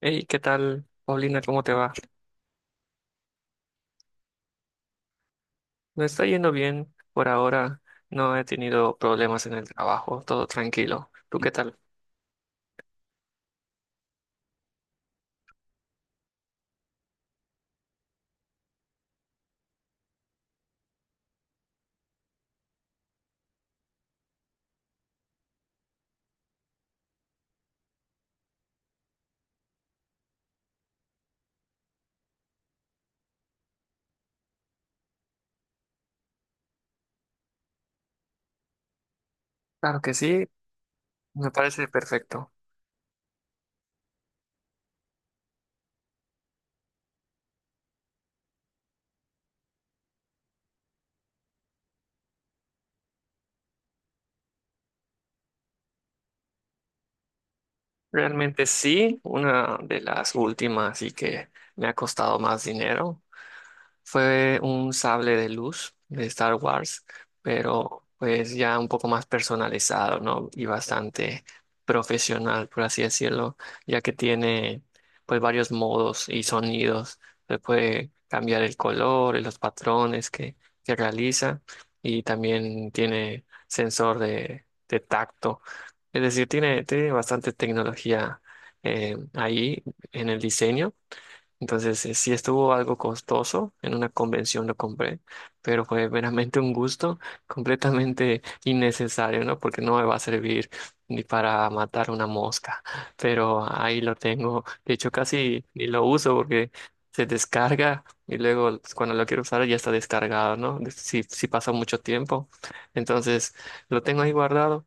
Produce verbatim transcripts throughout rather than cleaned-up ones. Hey, ¿qué tal, Paulina? ¿Cómo te va? Me está yendo bien por ahora. No he tenido problemas en el trabajo, todo tranquilo. ¿Tú qué tal? Claro que sí, me parece perfecto. Realmente sí, una de las últimas y que me ha costado más dinero fue un sable de luz de Star Wars, pero pues ya un poco más personalizado, ¿no? Y bastante profesional, por así decirlo, ya que tiene pues varios modos y sonidos. Se puede cambiar el color y los patrones que, que realiza, y también tiene sensor de, de tacto. Es decir, tiene, tiene bastante tecnología eh, ahí en el diseño. Entonces, eh, sí estuvo algo costoso, en una convención lo compré, pero fue veramente un gusto completamente innecesario, ¿no? Porque no me va a servir ni para matar una mosca, pero ahí lo tengo. De hecho, casi ni lo uso porque se descarga y luego pues, cuando lo quiero usar ya está descargado, ¿no? De- Si, si pasa mucho tiempo. Entonces, lo tengo ahí guardado.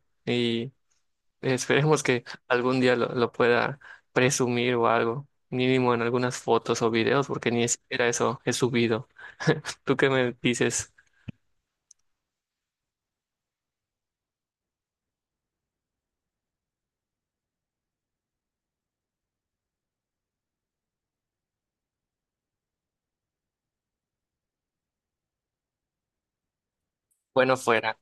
Esperemos que algún día lo, lo pueda presumir o algo, mínimo en algunas fotos o videos, porque ni siquiera eso he subido. ¿Tú qué me dices? Bueno, fuera.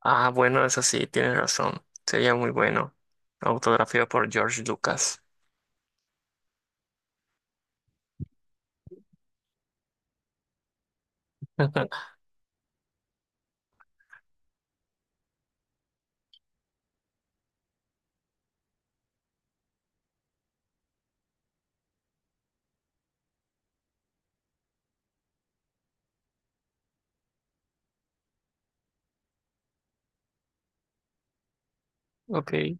Ah, bueno, eso sí, tienes razón. Sería muy bueno. Autografía por George Lucas. Ok.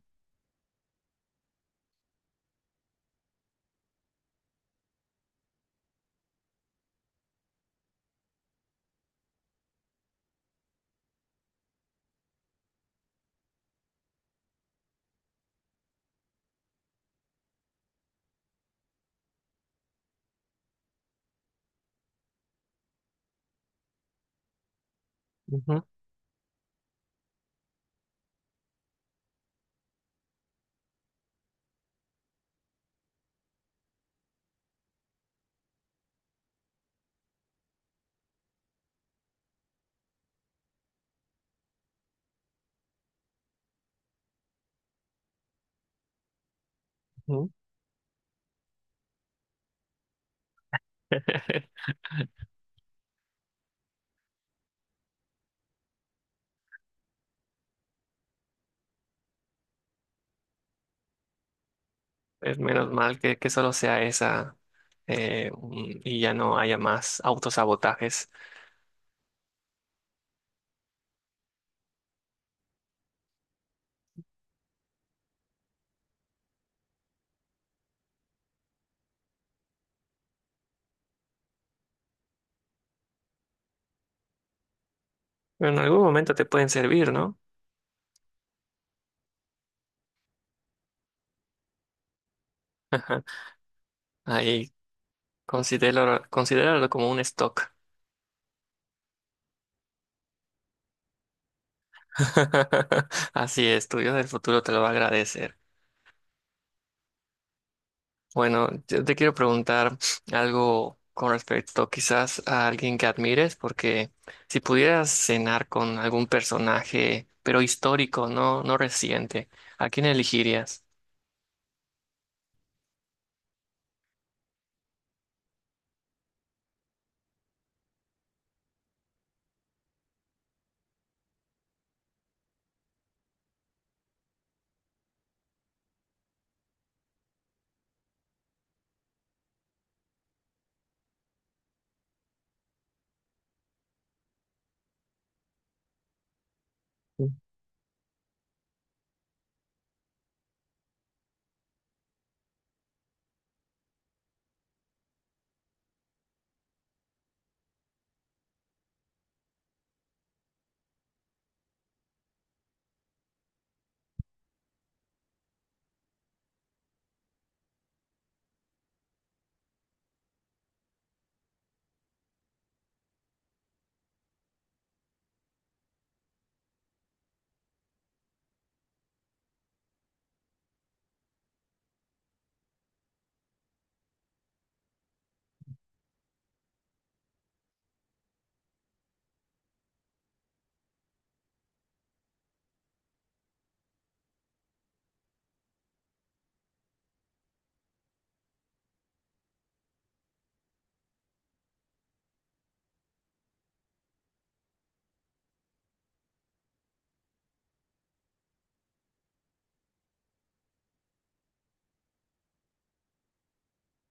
Ujú, ujú. Pues menos mal que, que solo sea esa eh, mm, y ya no haya más autosabotajes. Pero en algún momento te pueden servir, ¿no? Ahí considéralo, considéralo como un stock. Así es, tu yo del futuro te lo va a agradecer. Bueno, yo te quiero preguntar algo con respecto quizás a alguien que admires, porque si pudieras cenar con algún personaje, pero histórico, no, no reciente, ¿a quién elegirías?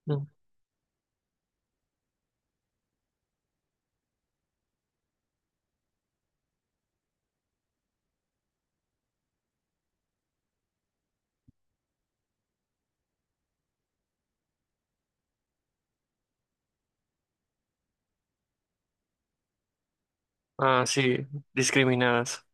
Mm. Ah, sí, discriminadas.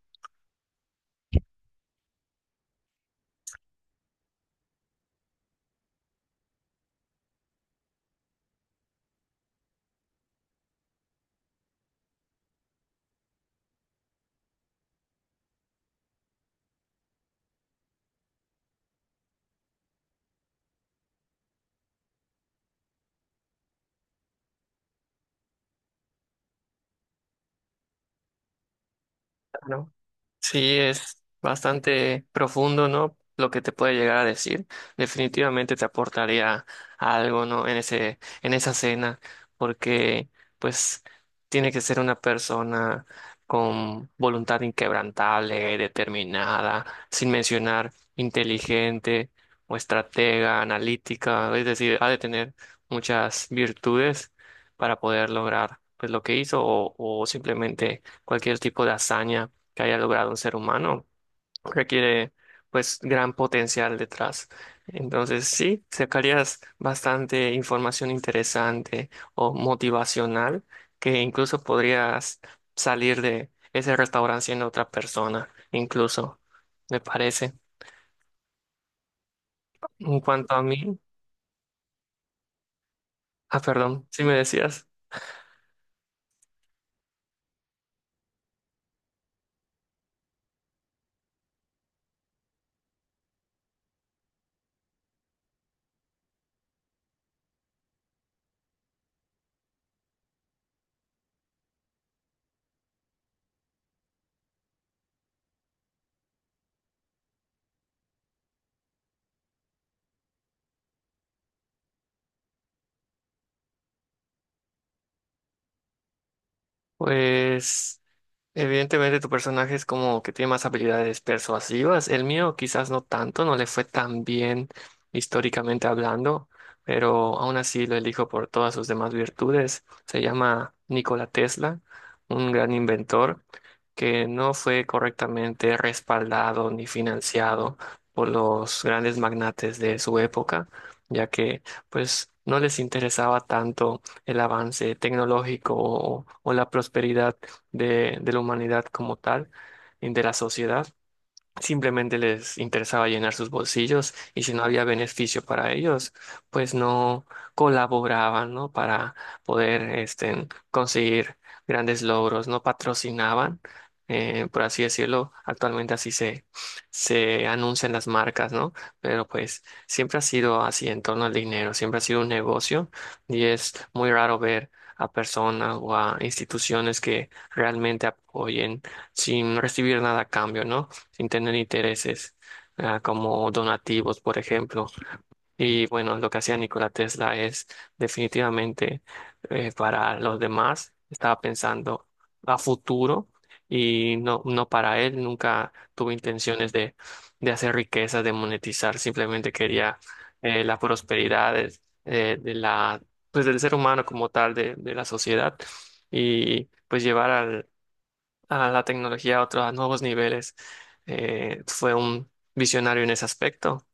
¿No? Sí, es bastante profundo, ¿no? Lo que te puede llegar a decir. Definitivamente te aportaría algo, ¿no? En ese, en esa cena, porque pues tiene que ser una persona con voluntad inquebrantable, determinada, sin mencionar inteligente o estratega, analítica, es decir, ha de tener muchas virtudes para poder lograr pues lo que hizo o o simplemente cualquier tipo de hazaña que haya logrado un ser humano requiere pues gran potencial detrás. Entonces sí, sacarías bastante información interesante o motivacional que incluso podrías salir de ese restaurante siendo otra persona, incluso, me parece. En cuanto a mí, ah, perdón, si me decías, pues... Evidentemente tu personaje es como que tiene más habilidades persuasivas. El mío quizás no tanto, no le fue tan bien históricamente hablando, pero aún así lo elijo por todas sus demás virtudes. Se llama Nikola Tesla, un gran inventor que no fue correctamente respaldado ni financiado por los grandes magnates de su época, ya que pues no les interesaba tanto el avance tecnológico o o la prosperidad de, de la humanidad como tal, y de la sociedad. Simplemente les interesaba llenar sus bolsillos y si no había beneficio para ellos, pues no colaboraban, ¿no? Para poder este, conseguir grandes logros, no patrocinaban, eh, por así decirlo. Actualmente así se, se anuncian las marcas, ¿no? Pero pues siempre ha sido así en torno al dinero, siempre ha sido un negocio y es muy raro ver a personas o a instituciones que realmente apoyen sin recibir nada a cambio, ¿no? Sin tener intereses, ah, como donativos, por ejemplo. Y bueno, lo que hacía Nikola Tesla es definitivamente eh, para los demás, estaba pensando a futuro y no, no para él, nunca tuvo intenciones de, de hacer riqueza, de monetizar, simplemente quería eh, la prosperidad de, eh, de la, pues del ser humano como tal, de, de la sociedad y pues llevar al a la tecnología a otros, a nuevos niveles. Eh, fue un visionario en ese aspecto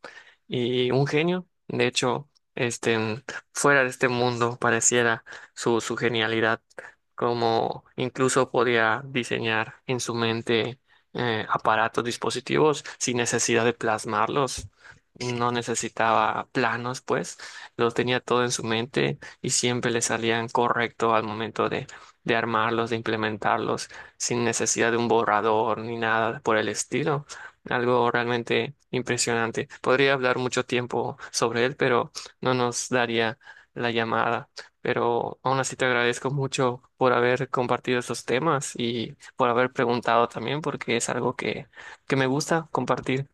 y un genio. De hecho, este, fuera de este mundo pareciera su, su genialidad, como incluso podía diseñar en su mente eh, aparatos, dispositivos sin necesidad de plasmarlos. No necesitaba planos, pues, lo tenía todo en su mente y siempre le salían correcto al momento de, de armarlos, de implementarlos, sin necesidad de un borrador ni nada por el estilo. Algo realmente impresionante. Podría hablar mucho tiempo sobre él, pero no nos daría la llamada. Pero aún así te agradezco mucho por haber compartido estos temas y por haber preguntado también, porque es algo que, que me gusta compartir.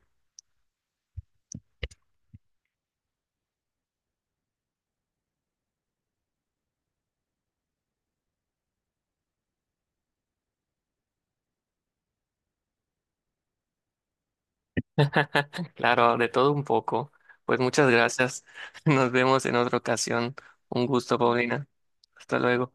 Claro, de todo un poco. Pues muchas gracias. Nos vemos en otra ocasión. Un gusto, Paulina. Hasta luego.